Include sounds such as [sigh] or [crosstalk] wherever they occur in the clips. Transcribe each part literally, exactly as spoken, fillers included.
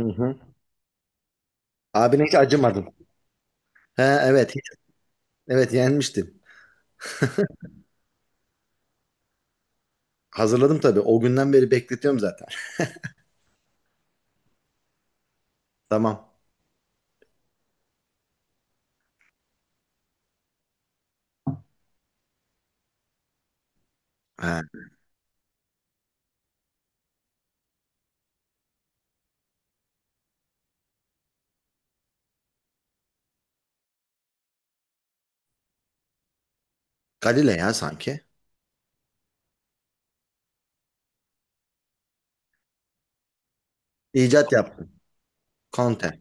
Hı hı. Abine hiç acımadım. He evet. hiç- Evet yenmiştim. Hazırladım tabii. O günden beri bekletiyorum zaten. Tamam. He. Galile ya sanki. İcat yaptım. Conte.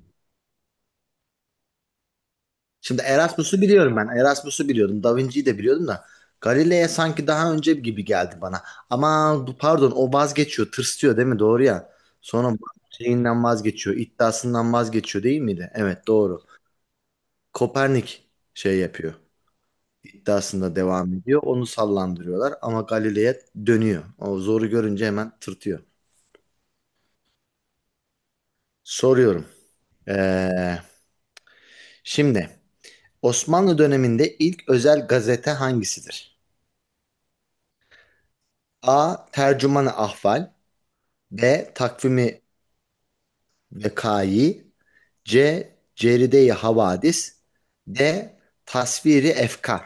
Şimdi Erasmus'u biliyorum ben. Erasmus'u biliyordum. Da Vinci'yi de biliyordum da. Galile'ye sanki daha önce gibi geldi bana. Ama bu- pardon, o vazgeçiyor. Tırstıyor değil mi? Doğru ya. Sonra şeyinden vazgeçiyor. İddiasından vazgeçiyor değil miydi? Evet, doğru. Kopernik şey yapıyor. İddiasında devam ediyor. Onu sallandırıyorlar ama Galileye dönüyor. O zoru görünce hemen tırtıyor. Soruyorum. Ee, Şimdi Osmanlı döneminde ilk özel gazete hangisidir? A. Tercüman-ı Ahval. B. Takvimi Vekayi. C. Ceride-i Havadis. D. Tasviri Efkar.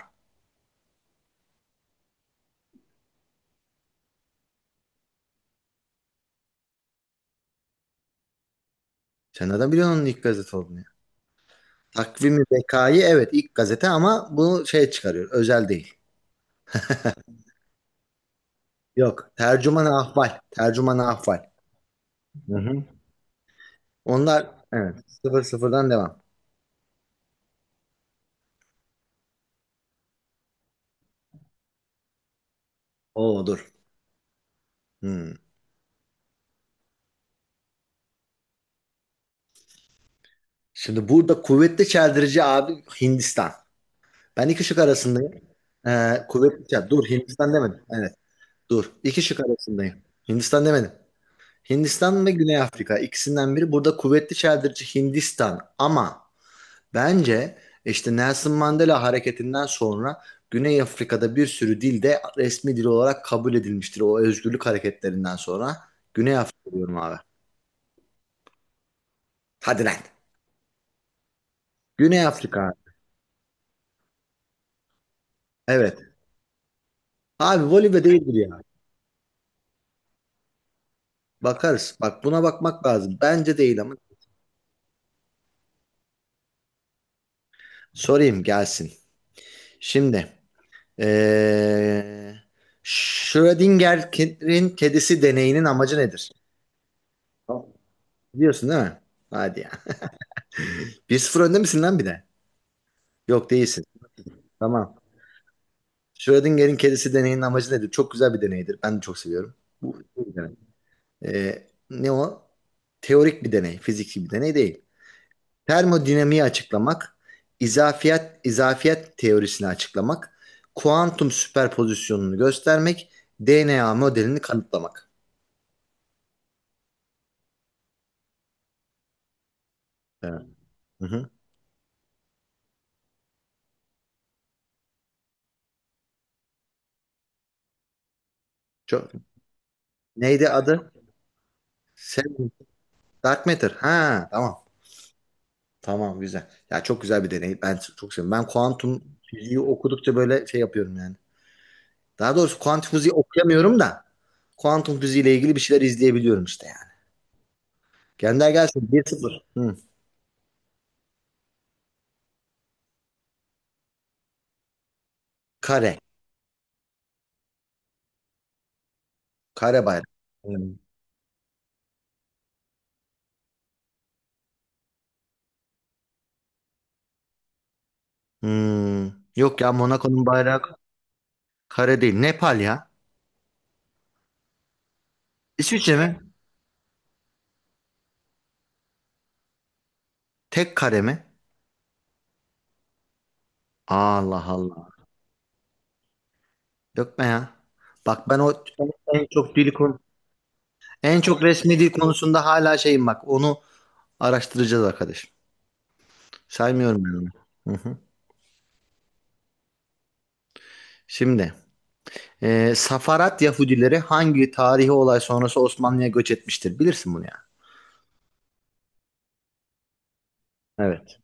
Sen nereden biliyorsun onun ilk gazete olduğunu ya? Takvimi Vekayi evet ilk gazete ama bunu şey çıkarıyor. Özel değil. Yok. Tercüman ahval. Tercüman ahval. Hı hı. Onlar evet. Sıfır sıfırdan devam. Oo, dur. Hmm. Şimdi burada kuvvetli çeldirici abi Hindistan. Ben iki şık arasındayım. Ee, kuvvetli çel- Dur, Hindistan demedim. Evet. Dur. İki şık arasındayım. Hindistan demedim. Hindistan ve Güney Afrika, ikisinden biri. Burada kuvvetli çeldirici Hindistan. Ama bence işte Nelson Mandela hareketinden sonra Güney Afrika'da bir sürü dil de resmi dil olarak kabul edilmiştir. O özgürlük hareketlerinden sonra Güney Afrika diyorum abi. Hadi lan. Güney Afrika. Evet. Abi Bolivya değildir ya. Bakarız. Bak, buna bakmak lazım. Bence değil ama sorayım gelsin. Şimdi ee, Schrödinger'in kedisi deneyinin amacı nedir? Tamam. Biliyorsun değil mi? Hadi ya. bir sıfır önde misin lan bir de? Yok, değilsin. Tamam. Schrödinger'in kedisi deneyinin amacı nedir? Çok güzel bir deneydir. Ben de çok seviyorum. Bu iyi bir deney. Ee, ne o? Teorik bir deney, fiziki bir deney değil. Termodinamiği açıklamak, izafiyet izafiyet teorisini açıklamak, kuantum süperpozisyonunu göstermek, D N A modelini kanıtlamak. Evet. Hı hı. Çok, neydi adı? Seven- Dark Matter. Ha, tamam. Tamam, güzel. Ya çok güzel bir deney. Ben çok seviyorum. Ben kuantum fiziği okudukça böyle şey yapıyorum yani. Daha doğrusu kuantum fiziği okuyamıyorum da kuantum fiziği ile ilgili bir şeyler izleyebiliyorum işte yani. Gönder gelsin bir sıfır. Hı. Kare. Kare bayrağı. Hmm. Hmm. Yok ya, Monaco'nun bayrağı kare değil. Nepal ya. İsviçre mi? Tek kare mi? Allah Allah. Yok be ya. Bak, ben o en çok dil konu en çok resmi dil konusunda hala şeyim bak. Onu araştıracağız arkadaş. Saymıyorum ben onu. Hı hı. Şimdi Ee, Safarat Yahudileri hangi tarihi olay sonrası Osmanlı'ya göç etmiştir? Bilirsin bunu ya. Yani. Evet.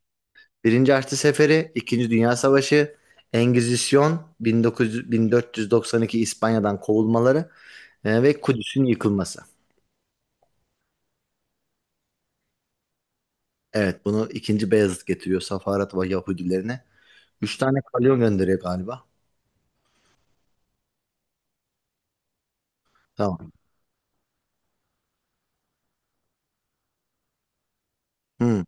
Birinci Haçlı Seferi, İkinci Dünya Savaşı, Engizisyon, bin dokuz yüz bin dört yüz doksan iki İspanya'dan kovulmaları e, ve Kudüs'ün yıkılması. Evet, bunu ikinci Beyazıt getiriyor Safarat ve Yahudilerine. Üç tane kalyon gönderiyor galiba. Tamam. Hmm,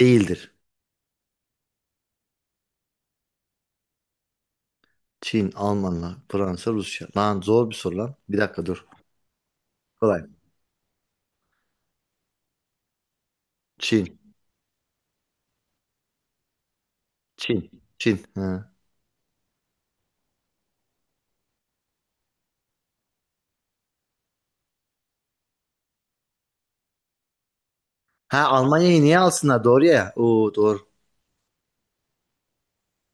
Değildir. Çin, Almanlar, Fransa, Rusya. Lan, zor bir soru lan. Bir dakika, dur. Kolay. Çin, Çin, Çin. Ha. Ha, Almanya'yı niye alsınlar? Doğru ya. Oo, doğru.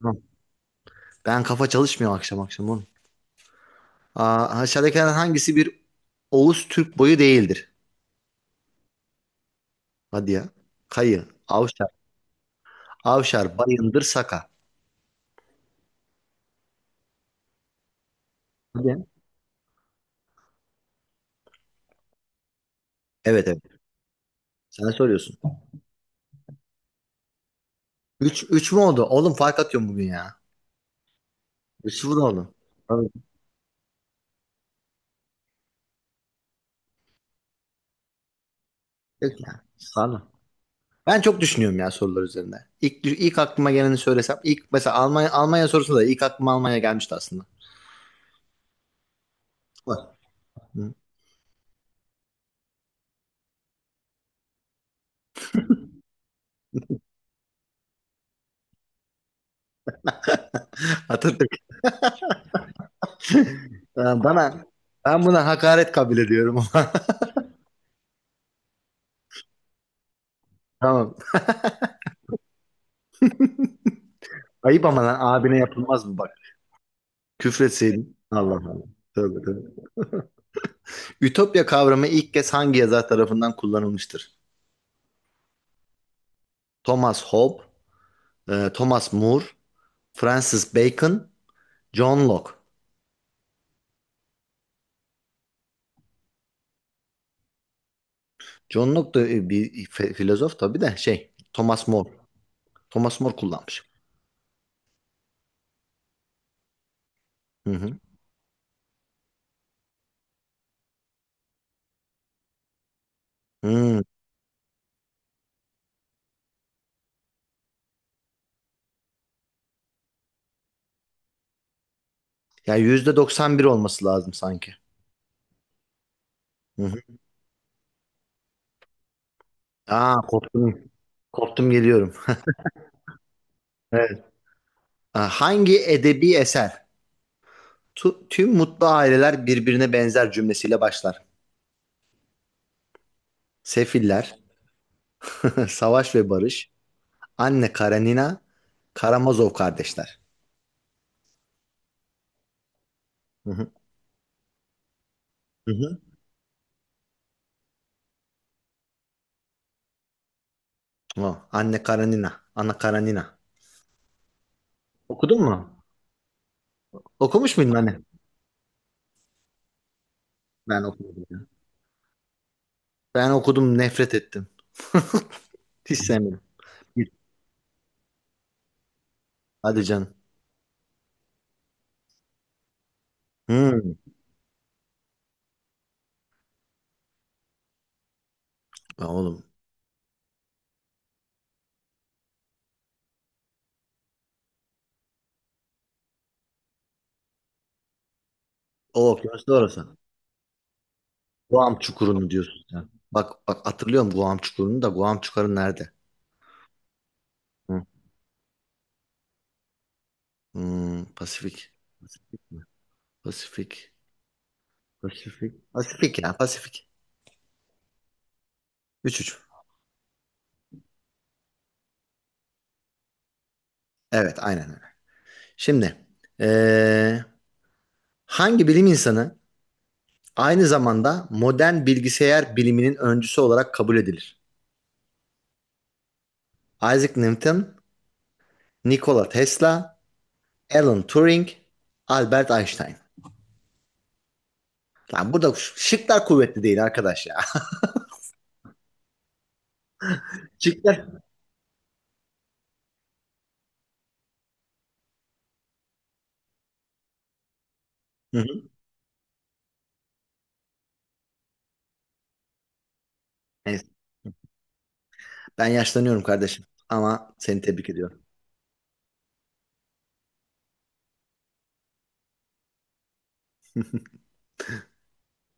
Tamam. Ben kafa çalışmıyor akşam akşam oğlum. Aa, aşağıdakilerden hangisi bir Oğuz Türk boyu değildir? Hadi ya. Kayı, Avşar, Avşar, Bayındır, Saka. Hadi ya. Evet evet. Sen soruyorsun. Üç üç mü oldu? Oğlum fark atıyorum bugün ya. Üç sıfır oldu. Tabii. Peki ya. Sağ. Ben çok düşünüyorum ya sorular üzerinde. İlk, ilk aklıma geleni söylesem. İlk mesela Almanya, Almanya sorusunda da ilk aklıma Almanya gelmişti aslında. Var. Hı. [laughs] Hatırlıyorum. Ya, bana ben buna hakaret kabul ediyorum. [laughs] Tamam. Ayıp ama lan abine yapılmaz mı bak? Küfretseydin. Allah Allah. Tövbe tövbe. Ütopya kavramı ilk kez hangi yazar tarafından kullanılmıştır? Thomas Hobbes, e, Thomas More, Francis Bacon, John Locke. John Locke da e, bir fi- filozof tabii de şey, Thomas More. Thomas More kullanmış. Hı hı. Hmm. Ya yüzde doksan bir olması lazım sanki. Hı hı. Aa, korktum. Korktum, geliyorum. Evet. Aa, hangi edebi eser Tu- tüm mutlu aileler birbirine benzer cümlesiyle başlar. Sefiller, [laughs] Savaş ve Barış, Anne Karanina, Karamazov kardeşler. Hı hı. Hı hı. O, Anne Karanina, Ana Karanina. Okudun mu? Okumuş muydun anne? Ben okudum ya. Ben okudum, nefret ettim. Hiç sevmedim. Git. Hadi canım. Hmm. Ya oğlum. O okyanus da orası. Guam Çukuru'nu diyorsun sen. Bak, bak, hatırlıyorum Guam Çukuru'nu da Guam Çukur'u nerede? Hı. Hmm, Pasifik. Pasifik mi? Pasifik. Pasifik. Pasifik ya Pasifik. Üç üç. Evet, aynen öyle. Şimdi eee, hangi bilim insanı aynı zamanda modern bilgisayar biliminin öncüsü olarak kabul edilir? Isaac Newton, Nikola Tesla, Alan Turing, Albert Einstein. Lan, burada ş- şıklar kuvvetli değil arkadaş ya. [laughs] Şıklar. Hı hı. Neyse, ben yaşlanıyorum kardeşim ama seni tebrik ediyorum.